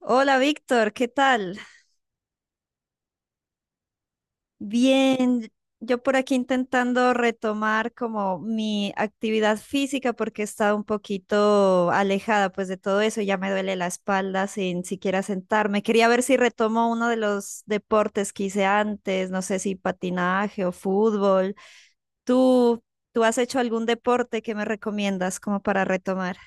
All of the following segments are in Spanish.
Hola Víctor, ¿qué tal? Bien, yo por aquí intentando retomar como mi actividad física porque he estado un poquito alejada pues de todo eso, ya me duele la espalda sin siquiera sentarme. Quería ver si retomo uno de los deportes que hice antes, no sé si patinaje o fútbol. ¿Tú, tú has hecho algún deporte que me recomiendas como para retomar?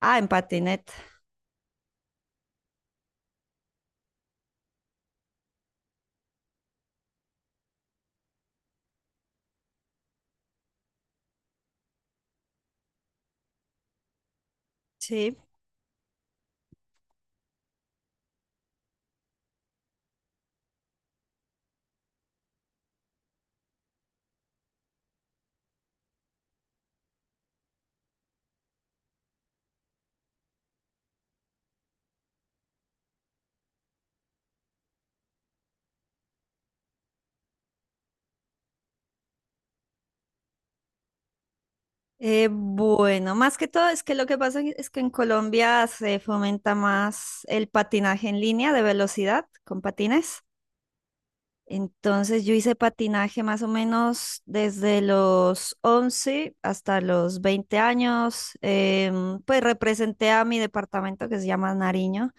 Ah, en patineta. Sí. Bueno, más que todo es que lo que pasa es que en Colombia se fomenta más el patinaje en línea de velocidad con patines. Entonces yo hice patinaje más o menos desde los 11 hasta los 20 años. Pues representé a mi departamento que se llama Nariño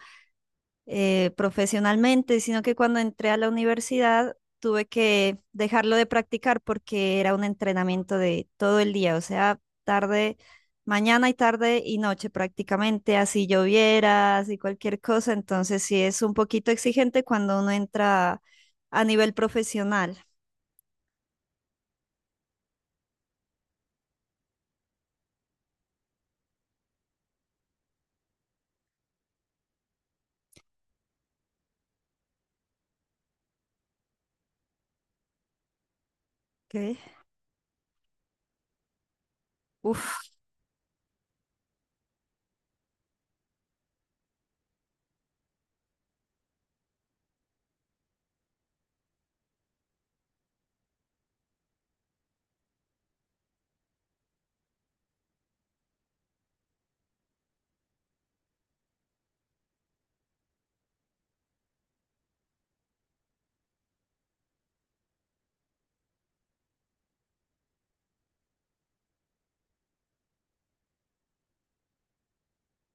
profesionalmente, sino que cuando entré a la universidad tuve que dejarlo de practicar porque era un entrenamiento de todo el día, o sea, tarde, mañana y tarde y noche prácticamente, así lloviera, así cualquier cosa, entonces sí es un poquito exigente cuando uno entra a nivel profesional. ¿Ok? Uf,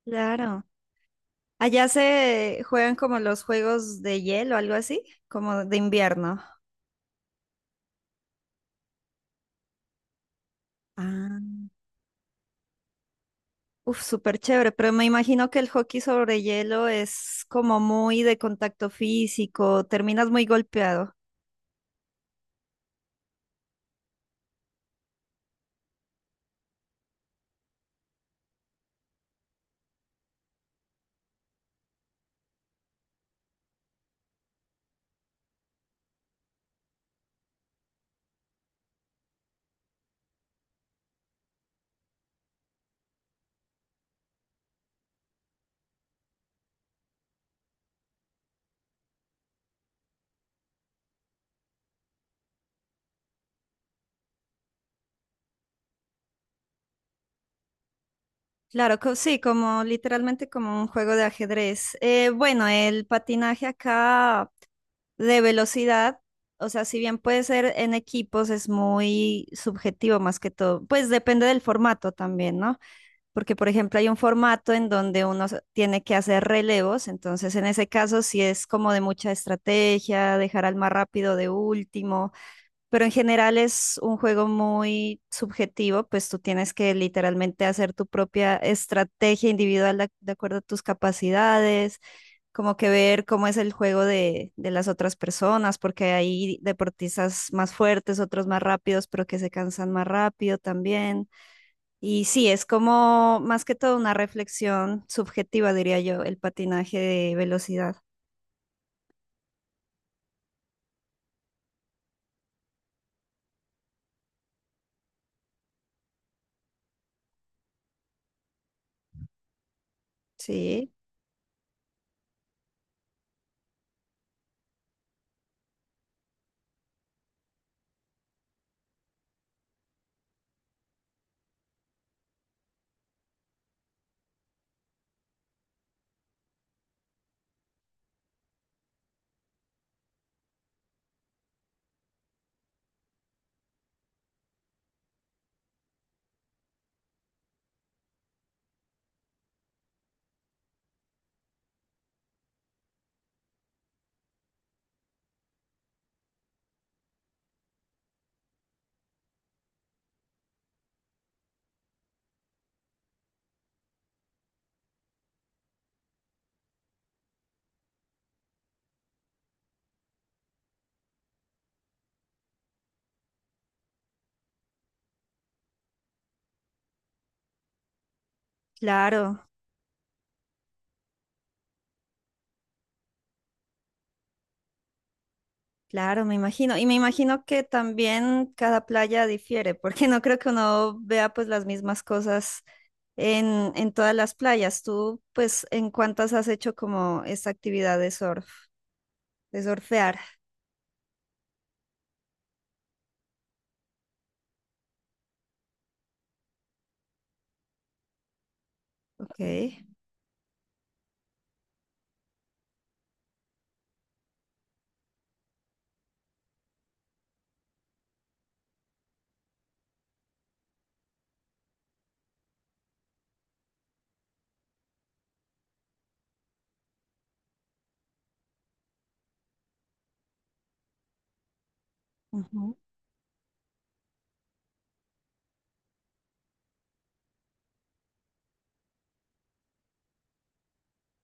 claro. Allá se juegan como los juegos de hielo, algo así, como de invierno. Ah. Uf, súper chévere, pero me imagino que el hockey sobre hielo es como muy de contacto físico, terminas muy golpeado. Claro, sí, como literalmente como un juego de ajedrez. Bueno, el patinaje acá de velocidad, o sea, si bien puede ser en equipos, es muy subjetivo más que todo. Pues depende del formato también, ¿no? Porque, por ejemplo, hay un formato en donde tiene que hacer relevos, entonces en ese caso sí es como de mucha estrategia, dejar al más rápido de último, pero en general es un juego muy subjetivo, pues tú tienes que literalmente hacer tu propia estrategia individual de, de acuerdo a tus capacidades, como que ver cómo es el juego de las otras personas, porque hay deportistas más fuertes, otros más rápidos, pero que se cansan más rápido también. Y sí, es como más que todo una reflexión subjetiva, diría yo, el patinaje de velocidad. Sí, claro, claro, me imagino. Y me imagino que también cada playa difiere, porque no creo que uno vea pues las mismas cosas en todas las playas. Tú, pues, ¿en cuántas has hecho como esta actividad de surf, de surfear? Ok.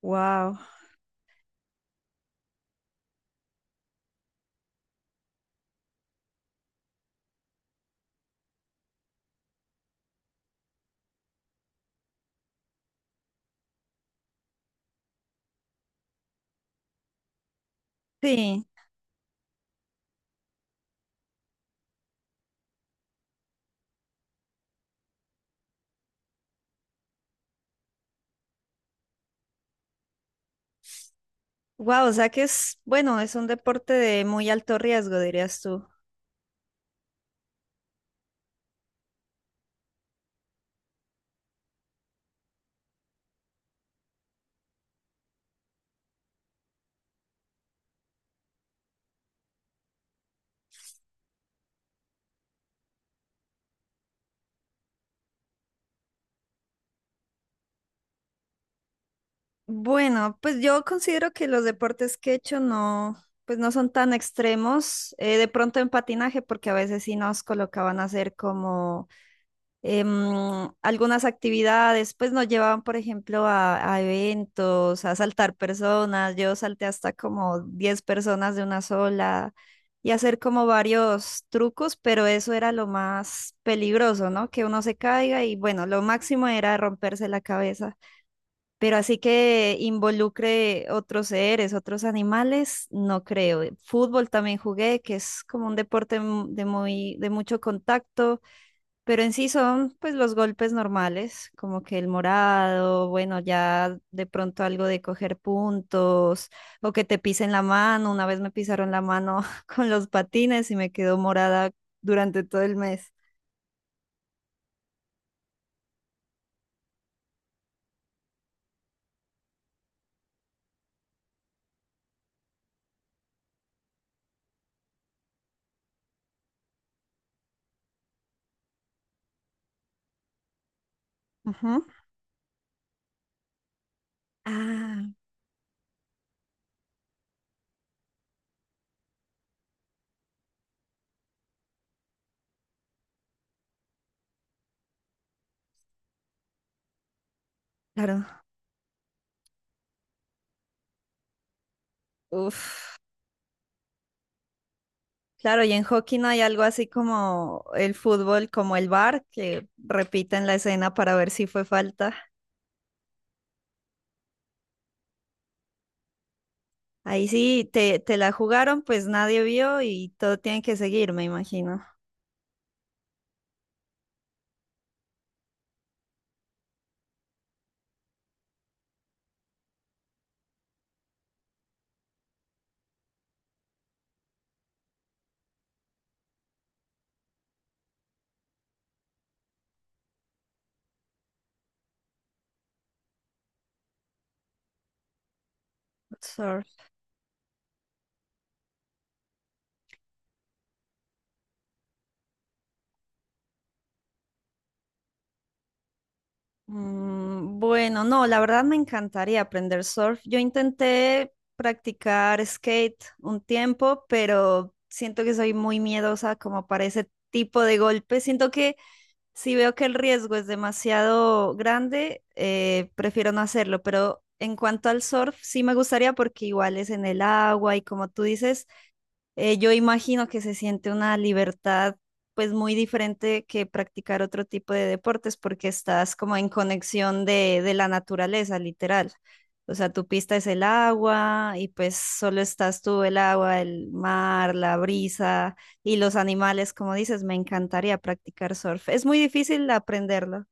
Wow. Sí. Wow, o sea que es, bueno, es un deporte de muy alto riesgo, dirías tú. Bueno, pues yo considero que los deportes que he hecho no, pues no son tan extremos. De pronto en patinaje, porque a veces sí nos colocaban a hacer como algunas actividades, pues nos llevaban, por ejemplo, a eventos, a saltar personas. Yo salté hasta como 10 personas de una sola y hacer como varios trucos, pero eso era lo más peligroso, ¿no? Que uno se caiga y bueno, lo máximo era romperse la cabeza. Pero así que involucre otros seres, otros animales, no creo. Fútbol también jugué, que es como un deporte de muy, de mucho contacto, pero en sí son pues los golpes normales, como que el morado, bueno, ya de pronto algo de coger puntos o que te pisen la mano. Una vez me pisaron la mano con los patines y me quedó morada durante todo el mes. Ujú. Ah, claro. Uf. Claro, y en hockey no hay algo así como el fútbol, como el bar que repiten la escena para ver si fue falta. Ahí sí, te la jugaron, pues nadie vio y todo tiene que seguir, me imagino. Surf. Mm, bueno, no, la verdad me encantaría aprender surf. Yo intenté practicar skate un tiempo, pero siento que soy muy miedosa como para ese tipo de golpes. Siento que si veo que el riesgo es demasiado grande, prefiero no hacerlo, pero en cuanto al surf, sí me gustaría porque igual es en el agua y como tú dices, yo imagino que se siente una libertad pues muy diferente que practicar otro tipo de deportes porque estás como en conexión de la naturaleza, literal. O sea, tu pista es el agua y pues solo estás tú, el agua, el mar, la brisa y los animales, como dices, me encantaría practicar surf. Es muy difícil aprenderlo.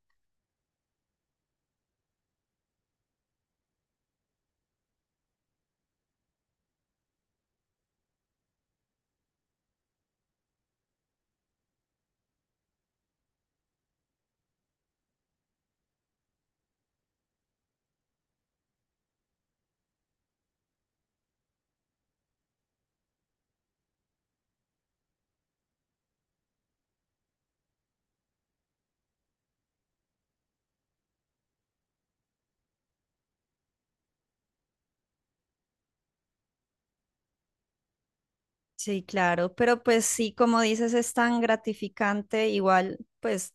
Sí, claro, pero pues sí, como dices, es tan gratificante, igual, pues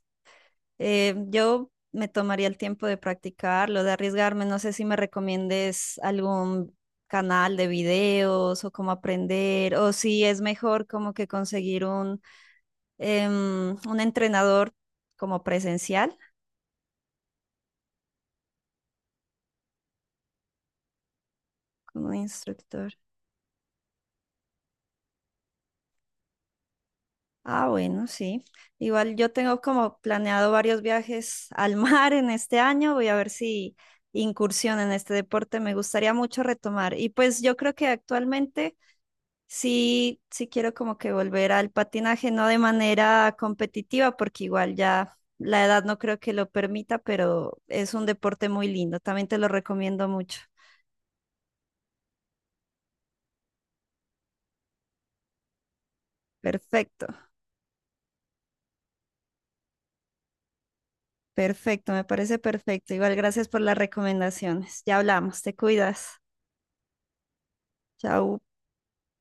Yo me tomaría el tiempo de practicarlo, de arriesgarme. No sé si me recomiendes algún canal de videos o cómo aprender, o si es mejor como que conseguir un, un entrenador como presencial, como un instructor. Ah, bueno, sí. Igual yo tengo como planeado varios viajes al mar en este año. Voy a ver si incursión en este deporte me gustaría mucho retomar. Y pues yo creo que actualmente sí, sí quiero como que volver al patinaje, no de manera competitiva, porque igual ya la edad no creo que lo permita, pero es un deporte muy lindo, también te lo recomiendo mucho. Perfecto, perfecto, me parece perfecto. Igual gracias por las recomendaciones. Ya hablamos, te cuidas. Chao.